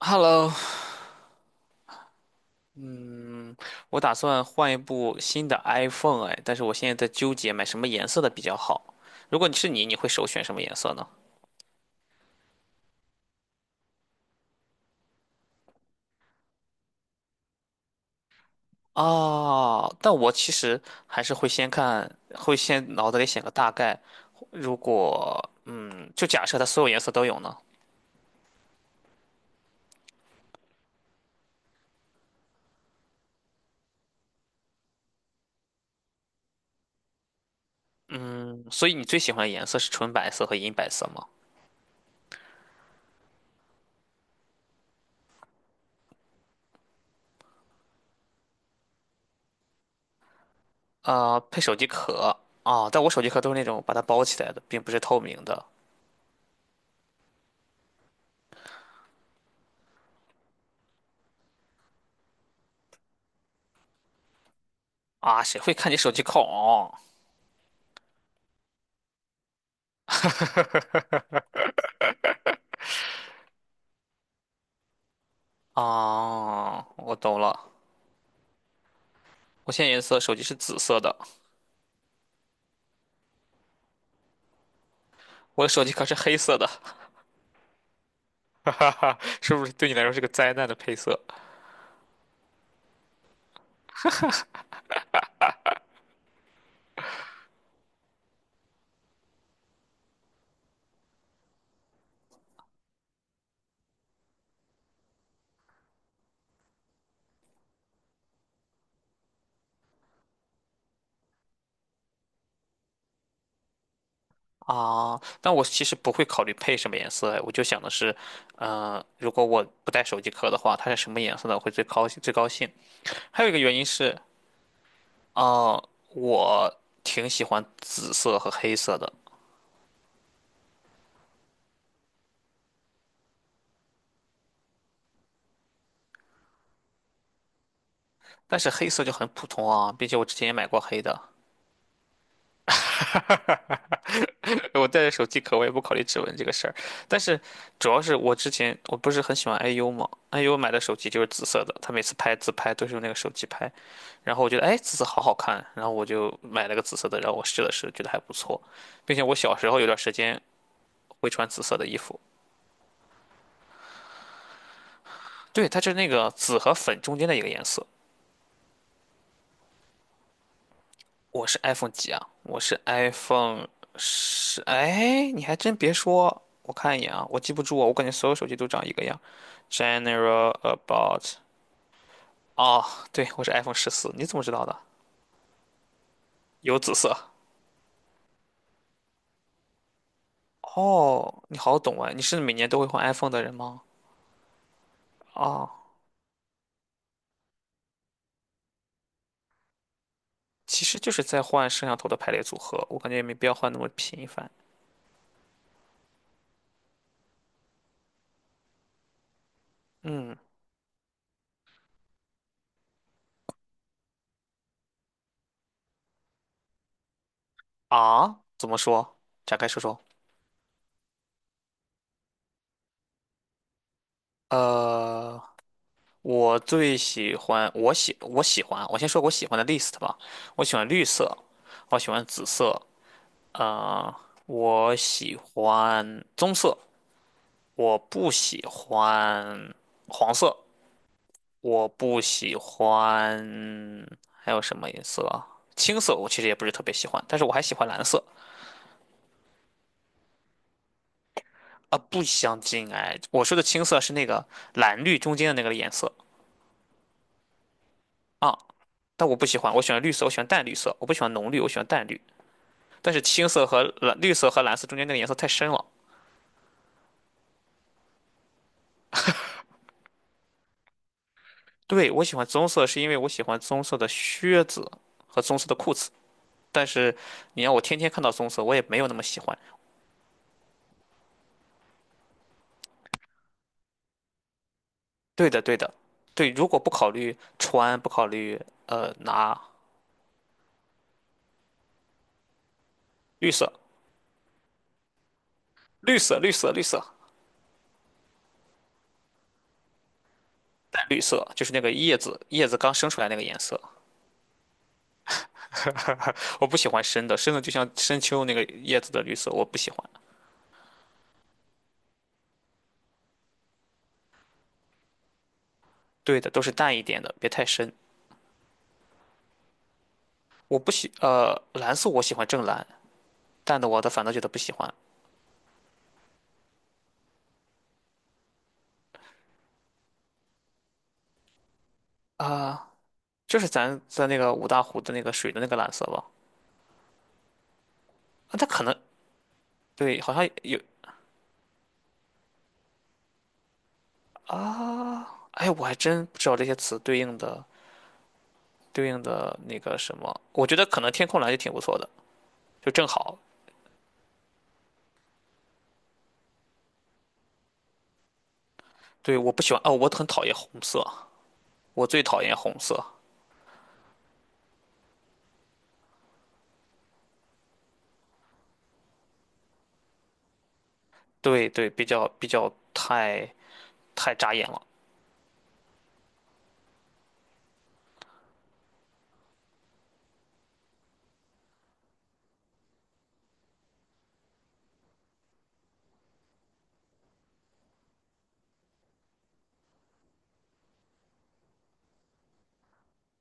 Hello，嗯，我打算换一部新的 iPhone 哎，但是我现在在纠结买什么颜色的比较好。如果你是你，你会首选什么颜色呢？哦，但我其实还是会先看，会先脑子里想个大概。如果就假设它所有颜色都有呢，所以你最喜欢的颜色是纯白色和银白色吗？配手机壳啊，但我手机壳都是那种把它包起来的，并不是透明的啊，谁会看你手机壳？啊，我懂了。我现在颜色手机是紫色的，我的手机壳是黑色的，是不是对你来说是个灾难的配色啊？但我其实不会考虑配什么颜色，哎我就想的是，如果我不带手机壳的话，它是什么颜色的我会最高兴最高兴。还有一个原因是，啊，我挺喜欢紫色和黑色的，但是黑色就很普通啊，并且我之前也买过黑的。我带着手机壳，我也不考虑指纹这个事儿。但是主要是我之前我不是很喜欢 IU 嘛，IU 买的手机就是紫色的，他每次拍自拍都是用那个手机拍。然后我觉得哎，紫色好好看，然后我就买了个紫色的，然后我试了试，觉得还不错，并且我小时候有段时间会穿紫色的衣服。对，它就是那个紫和粉中间的一个颜色。我是 iPhone 几啊？我是 iPhone 十。哎，你还真别说，我看一眼啊，我记不住啊，我感觉所有手机都长一个样。General about 哦，对，我是 iPhone 十四，你怎么知道的？有紫色。哦，你好懂啊，你是每年都会换 iPhone 的人吗？哦，其实就是在换摄像头的排列组合，我感觉也没必要换那么频繁。嗯啊，怎么说？展开说说。呃。我最喜欢，我喜欢，我先说我喜欢的 list 吧。我喜欢绿色，我喜欢紫色，呃，我喜欢棕色，我不喜欢黄色，我不喜欢还有什么颜色啊？青色我其实也不是特别喜欢，但是我还喜欢蓝色啊，不相近哎。我说的青色是那个蓝绿中间的那个颜色啊，但我不喜欢，我喜欢绿色，我喜欢淡绿色，我不喜欢浓绿，我喜欢淡绿。但是青色和蓝、绿色和蓝色中间那个颜色太深了。对，我喜欢棕色，是因为我喜欢棕色的靴子和棕色的裤子。但是你让我天天看到棕色，我也没有那么喜欢。对的，对的，对。如果不考虑穿，不考虑呃拿绿色、绿色、绿色、绿色、淡绿色，就是那个叶子刚生出来那个颜色，我不喜欢深的，深的就像深秋那个叶子的绿色，我不喜欢。对的，都是淡一点的，别太深。我不喜蓝色，我喜欢正蓝。淡的我的反倒觉得不喜欢啊，就是咱在那个五大湖的那个水的那个蓝色吧，啊，它可能对，好像有，哎，我还真不知道这些词对应的那个什么，我觉得可能天空蓝就挺不错的，就正好。对，我不喜欢哦，我很讨厌红色，我最讨厌红色。对对，比较太扎眼了。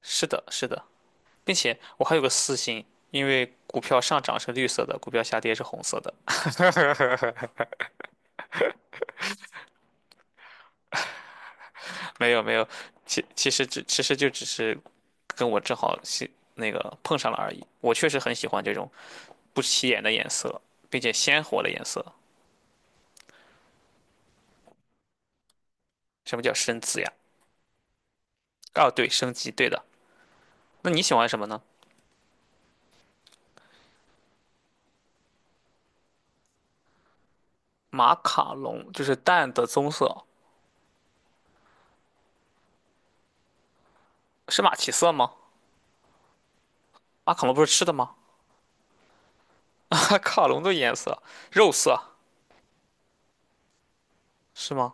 是的，是的，并且我还有个私心，因为股票上涨是绿色的，股票下跌是红色的，没有没有，其实就只是跟我正好是那个碰上了而已。我确实很喜欢这种不起眼的颜色，并且鲜活的颜色。什么叫深紫呀？哦，对，升级，对的。那你喜欢什么呢？马卡龙就是淡的棕色，是马其色吗？马卡龙不是吃的吗？马卡龙的颜色，肉色是吗？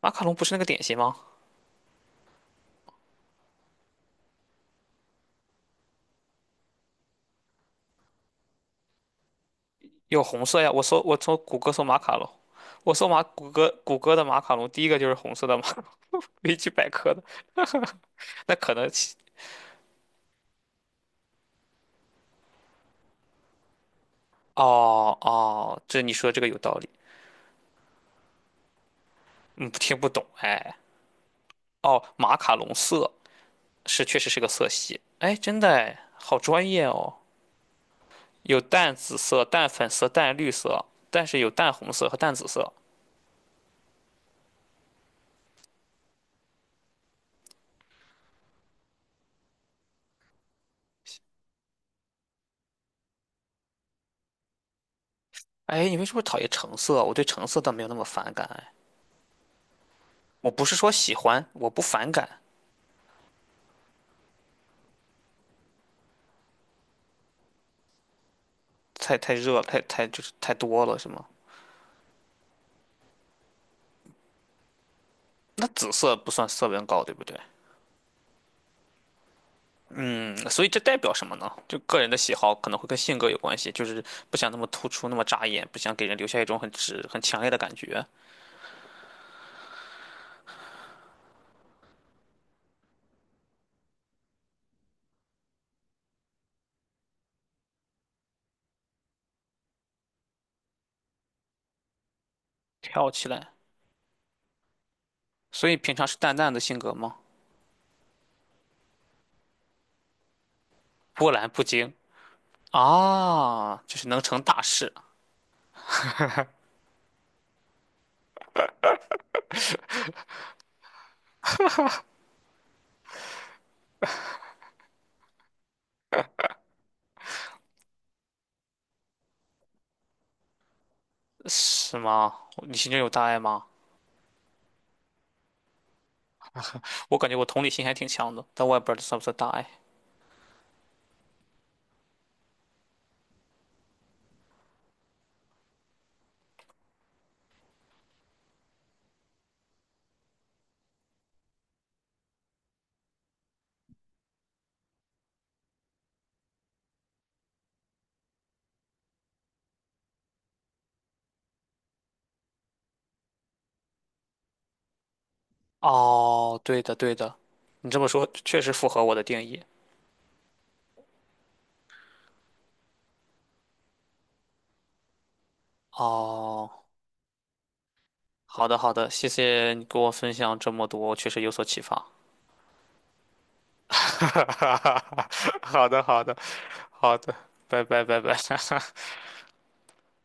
马卡龙不是那个点心吗？有红色呀，我从谷歌搜马卡龙，我搜马谷歌的马卡龙，第一个就是红色的马卡龙，维基百科的。那可能其哦哦，这你说这个有道理，嗯，听不懂哎。哦，马卡龙色是确实是个色系，哎，真的哎，好专业哦。有淡紫色、淡粉色、淡绿色，但是有淡红色和淡紫色。哎，你为什么讨厌橙色？我对橙色倒没有那么反感哎。我不是说喜欢，我不反感，太热了，太就是太多了，是吗？那紫色不算色温高，对不对？那所以这代表什么呢？就个人的喜好可能会跟性格有关系，就是不想那么突出，那么扎眼，不想给人留下一种很直、很强烈的感觉。跳起来，所以平常是淡淡的性格吗？波澜不惊啊，就是能成大事，是吗？你心中有大爱吗？我感觉我同理心还挺强的，但我也不知道这算不算大爱。哦，对的对的，你这么说确实符合我的定义。哦，好的好的，谢谢你给我分享这么多，确实有所启发。哈哈哈，好的，好的，好的，拜拜，拜拜。